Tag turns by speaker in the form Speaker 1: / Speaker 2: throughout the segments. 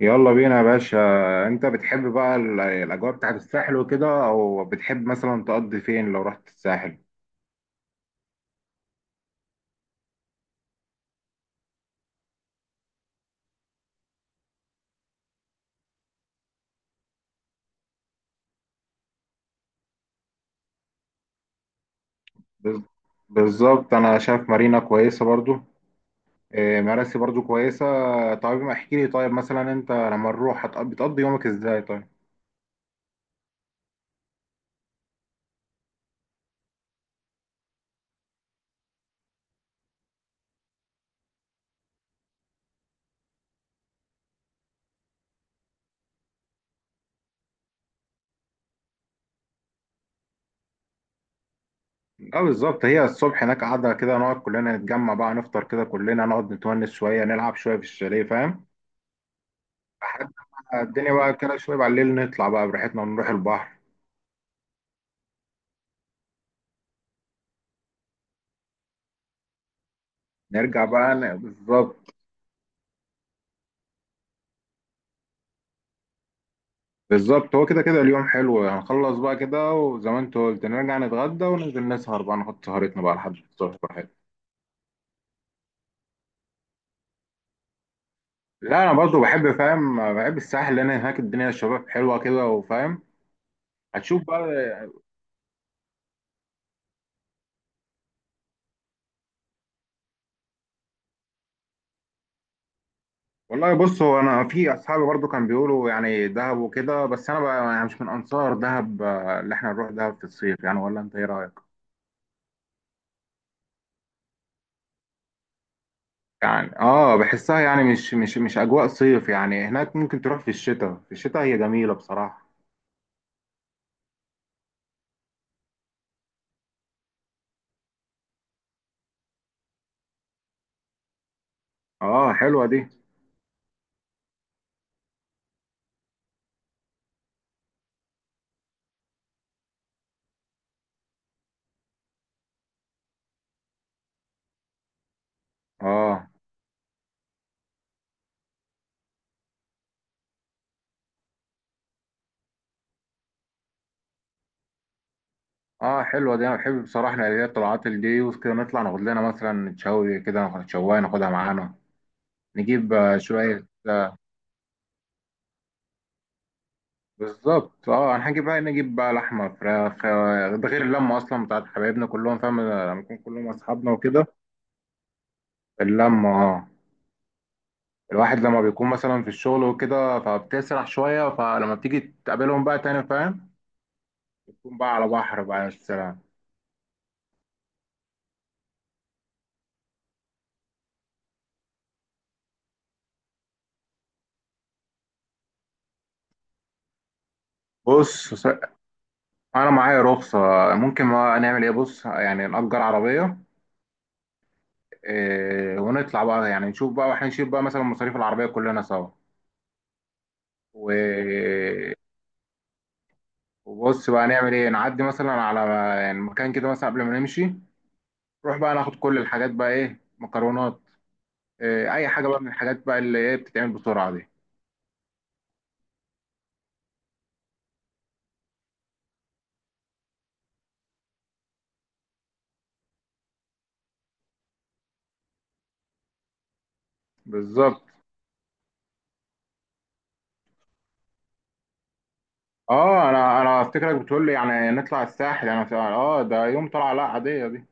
Speaker 1: يلا بينا يا باشا. انت بتحب بقى الاجواء بتاعت الساحل وكده، او بتحب مثلا تقضي فين لو رحت الساحل؟ بز- بالظبط انا شايف مارينا كويسه برضو. اه، مراسي برضو كويسه. طيب ما احكي لي، طيب مثلا انت لما نروح بتقضي يومك ازاي طيب؟ اه بالظبط، هي الصبح هناك قاعده كده، نقعد كلنا نتجمع بقى، نفطر كده كلنا، نقعد نتونس شويه، نلعب شويه في الشاليه، فاهم؟ لحد ما الدنيا بقى كده شويه بالليل نطلع بقى براحتنا نروح البحر. بالظبط. بالظبط، هو كده كده اليوم حلو، هنخلص بقى كده وزي ما انت قلت نرجع نتغدى وننزل نسهر بقى، نحط سهرتنا بقى لحد الصبح براحتنا. لا انا برضو بحب، فاهم، بحب الساحل، لان هناك الدنيا الشباب حلوه كده وفاهم. هتشوف بقى. والله بص، هو انا في اصحابي برضو كانوا بيقولوا يعني دهب وكده، بس انا بقى يعني مش من انصار دهب. آه، اللي احنا نروح دهب في الصيف يعني، ولا انت ايه رايك؟ يعني اه بحسها يعني مش اجواء صيف يعني هناك. ممكن تروح في الشتاء، في الشتاء هي جميله بصراحه. اه حلوه دي. اه. اه حلوه دي، انا بحب بصراحه اللي هي الطلعات اللي دي وكده، نطلع ناخد لنا مثلا شوي كده، ناخد شوايه ناخدها معانا. نجيب آه، شويه آه، بالظبط اه، هنجيب بقى، نجيب بقى لحمه، فراخ آه، ده غير اللمه اصلا بتاعت حبايبنا كلهم، فاهم، لما يكون كلهم اصحابنا وكده. اللمه اه. الواحد لما بيكون مثلا في الشغل وكده فبتسرح شويه، فلما بتيجي تقابلهم بقى تاني، فاهم، تكون بقى على بحر بقى، يا سلام. بص، انا معايا رخصه، ممكن ما نعمل ايه، بص يعني نأجر عربيه. آه، ونطلع بقى يعني نشوف بقى، واحنا نشيل بقى مثلا مصاريف العربية كلنا سوا. و... وبص بقى نعمل ايه، نعدي مثلا على يعني مكان كده مثلا قبل ما نمشي، نروح بقى ناخد كل الحاجات بقى، ايه، مكرونات، إيه، اي حاجة بقى من الحاجات بقى اللي ايه بتتعمل بسرعة دي. بالظبط اه، انا افتكرك بتقول لي يعني نطلع الساحل، انا ده يوم طلعة، لا عادية دي.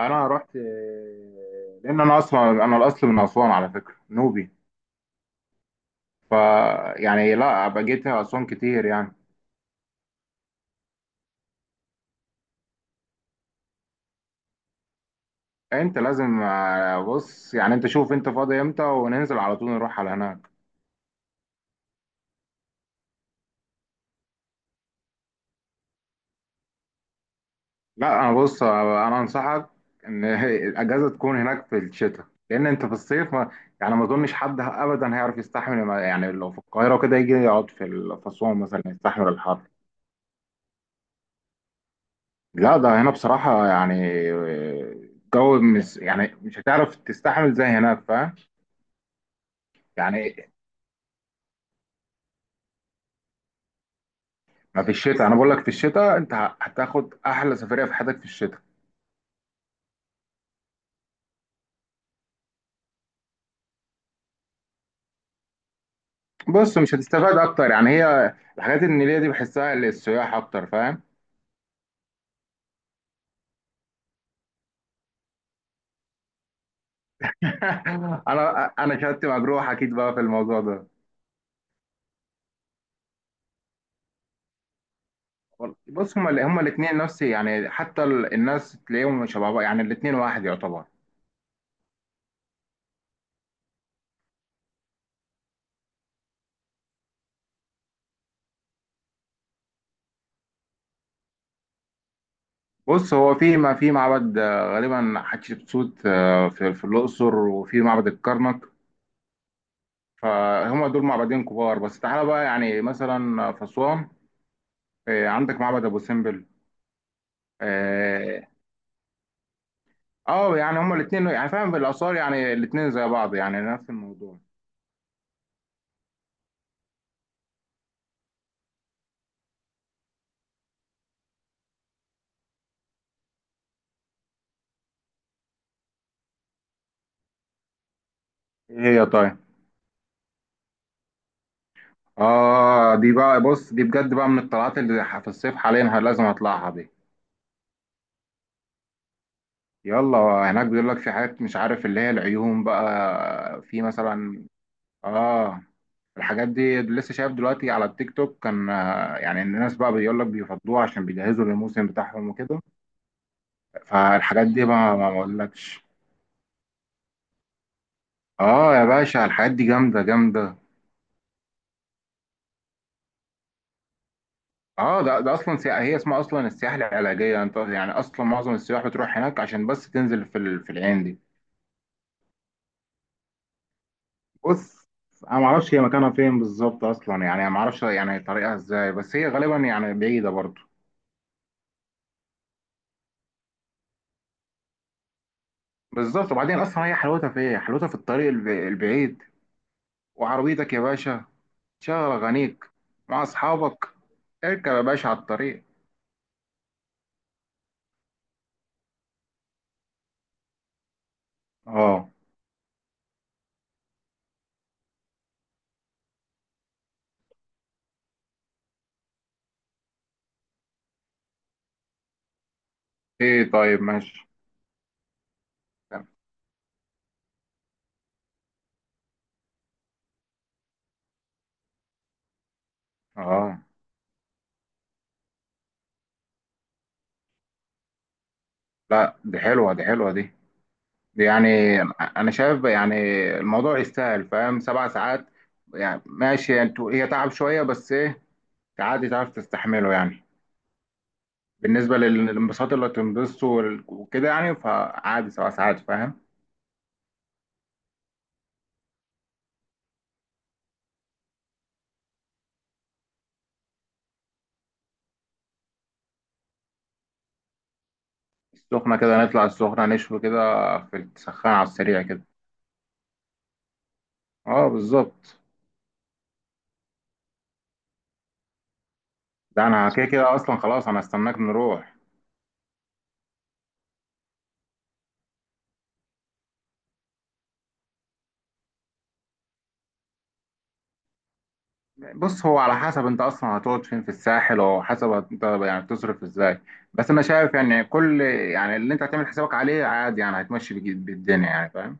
Speaker 1: انا رحت آه، لان انا اصلا انا الاصل من اسوان على فكرة، نوبي. ف يعني لا، بقيت اسوان كتير يعني. انت لازم آه، بص يعني انت شوف انت فاضي امتى وننزل على طول نروح على هناك. لا انا بص آه، انا انصحك ان الاجازه تكون هناك في الشتاء، لان انت في الصيف ما يعني ما اظنش حد ابدا هيعرف يستحمل يعني لو في القاهره كده يجي يقعد في اسوان مثلا يستحمل الحر. لا ده هنا بصراحه يعني، آه، الجو مش هتعرف تستحمل زي هناك، فاهم. يعني ما في الشتاء انا بقول لك، في الشتاء انت هتاخد احلى سفريه في حياتك في الشتاء. بص مش هتستفاد اكتر يعني، هي الحاجات النيليه دي بحسها للسياح اكتر، فاهم. انا شهادتي مجروح اكيد بقى في الموضوع ده. بص، هما الاثنين نفس يعني، حتى الناس تلاقيهم شبه بعض يعني، الاثنين واحد يعتبر. بص هو في ما في معبد آه، غالبا حتشبسوت آه، في في الاقصر وفي معبد الكرنك، فهم دول معبدين كبار. بس تعالى بقى يعني مثلا في اسوان، آه، عندك معبد ابو سمبل. آه، اه يعني هما الاثنين يعني، فاهم، بالاثار يعني الاثنين زي بعض يعني نفس الموضوع. ايه هي طيب؟ اه دي بقى بص، دي بجد بقى من الطلعات في الصيف حاليا لازم اطلعها دي. يلا. هناك بيقول لك في حاجات مش عارف، اللي هي العيون بقى في مثلا. اه، الحاجات دي لسه شايف دلوقتي على التيك توك كان آه، يعني الناس بقى بيقول لك بيفضوها عشان بيجهزوا للموسم بتاعهم وكده، فالحاجات دي بقى ما بقولكش. اه يا باشا، الحاجات دي جامده جامده. اه ده اصلا سياحة، هي اسمها اصلا السياحة العلاجية، انت يعني اصلا معظم السياح بتروح هناك عشان بس تنزل في العين دي. بص انا ما اعرفش هي مكانها فين بالظبط اصلا يعني، ما اعرفش يعني طريقها ازاي، بس هي غالبا يعني بعيدة برضه. بالظبط، وبعدين اصلا هي حلاوتها في ايه؟ حلاوتها في الطريق البعيد، وعربيتك يا باشا، شغل اغانيك مع اصحابك، اركب يا باشا على الطريق. اه. ايه طيب ماشي. اه لا دي حلوة، دي حلوة دي. يعني انا شايف يعني الموضوع يستاهل، فاهم، سبع ساعات يعني ماشي انتوا، هي تعب شويه بس ايه، عادي تعرف تستحمله يعني. بالنسبه للانبساط اللي هتنبسطه وكده يعني، فعادي سبع ساعات، فاهم. السخنه كده نطلع السخنه نشوي كده، في السخان على السريع كده. اه بالظبط. ده انا كده كده اصلا خلاص، انا استناك نروح. بص هو على حسب انت اصلا هتقعد فين في الساحل، او حسب انت يعني بتصرف ازاي، بس انا شايف يعني كل يعني اللي انت هتعمل حسابك عليه عادي يعني، هتمشي بالدنيا يعني، فاهم.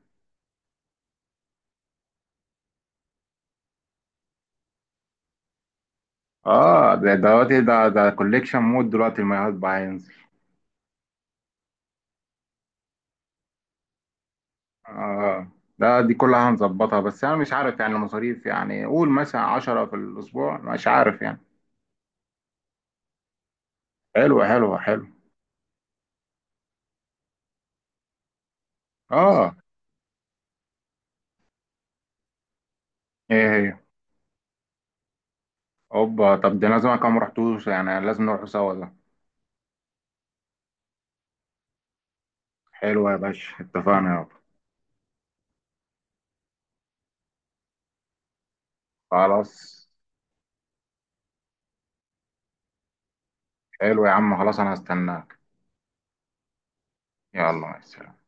Speaker 1: اه ده دلوقتي ده كوليكشن مود دلوقتي، المايوهات بقى هينزل. اه، دي كلها هنظبطها، بس انا مش عارف يعني المصاريف، يعني قول مثلا 10 في الاسبوع، مش عارف يعني. حلو حلو حلو. اه. ايه هي؟ اوبا، طب ده لازم، كم رحتوش يعني، لازم نروح سوا ده. حلو يا باشا، اتفقنا يابا. خلاص حلو يا عم، خلاص انا هستناك. يلا مع السلامة.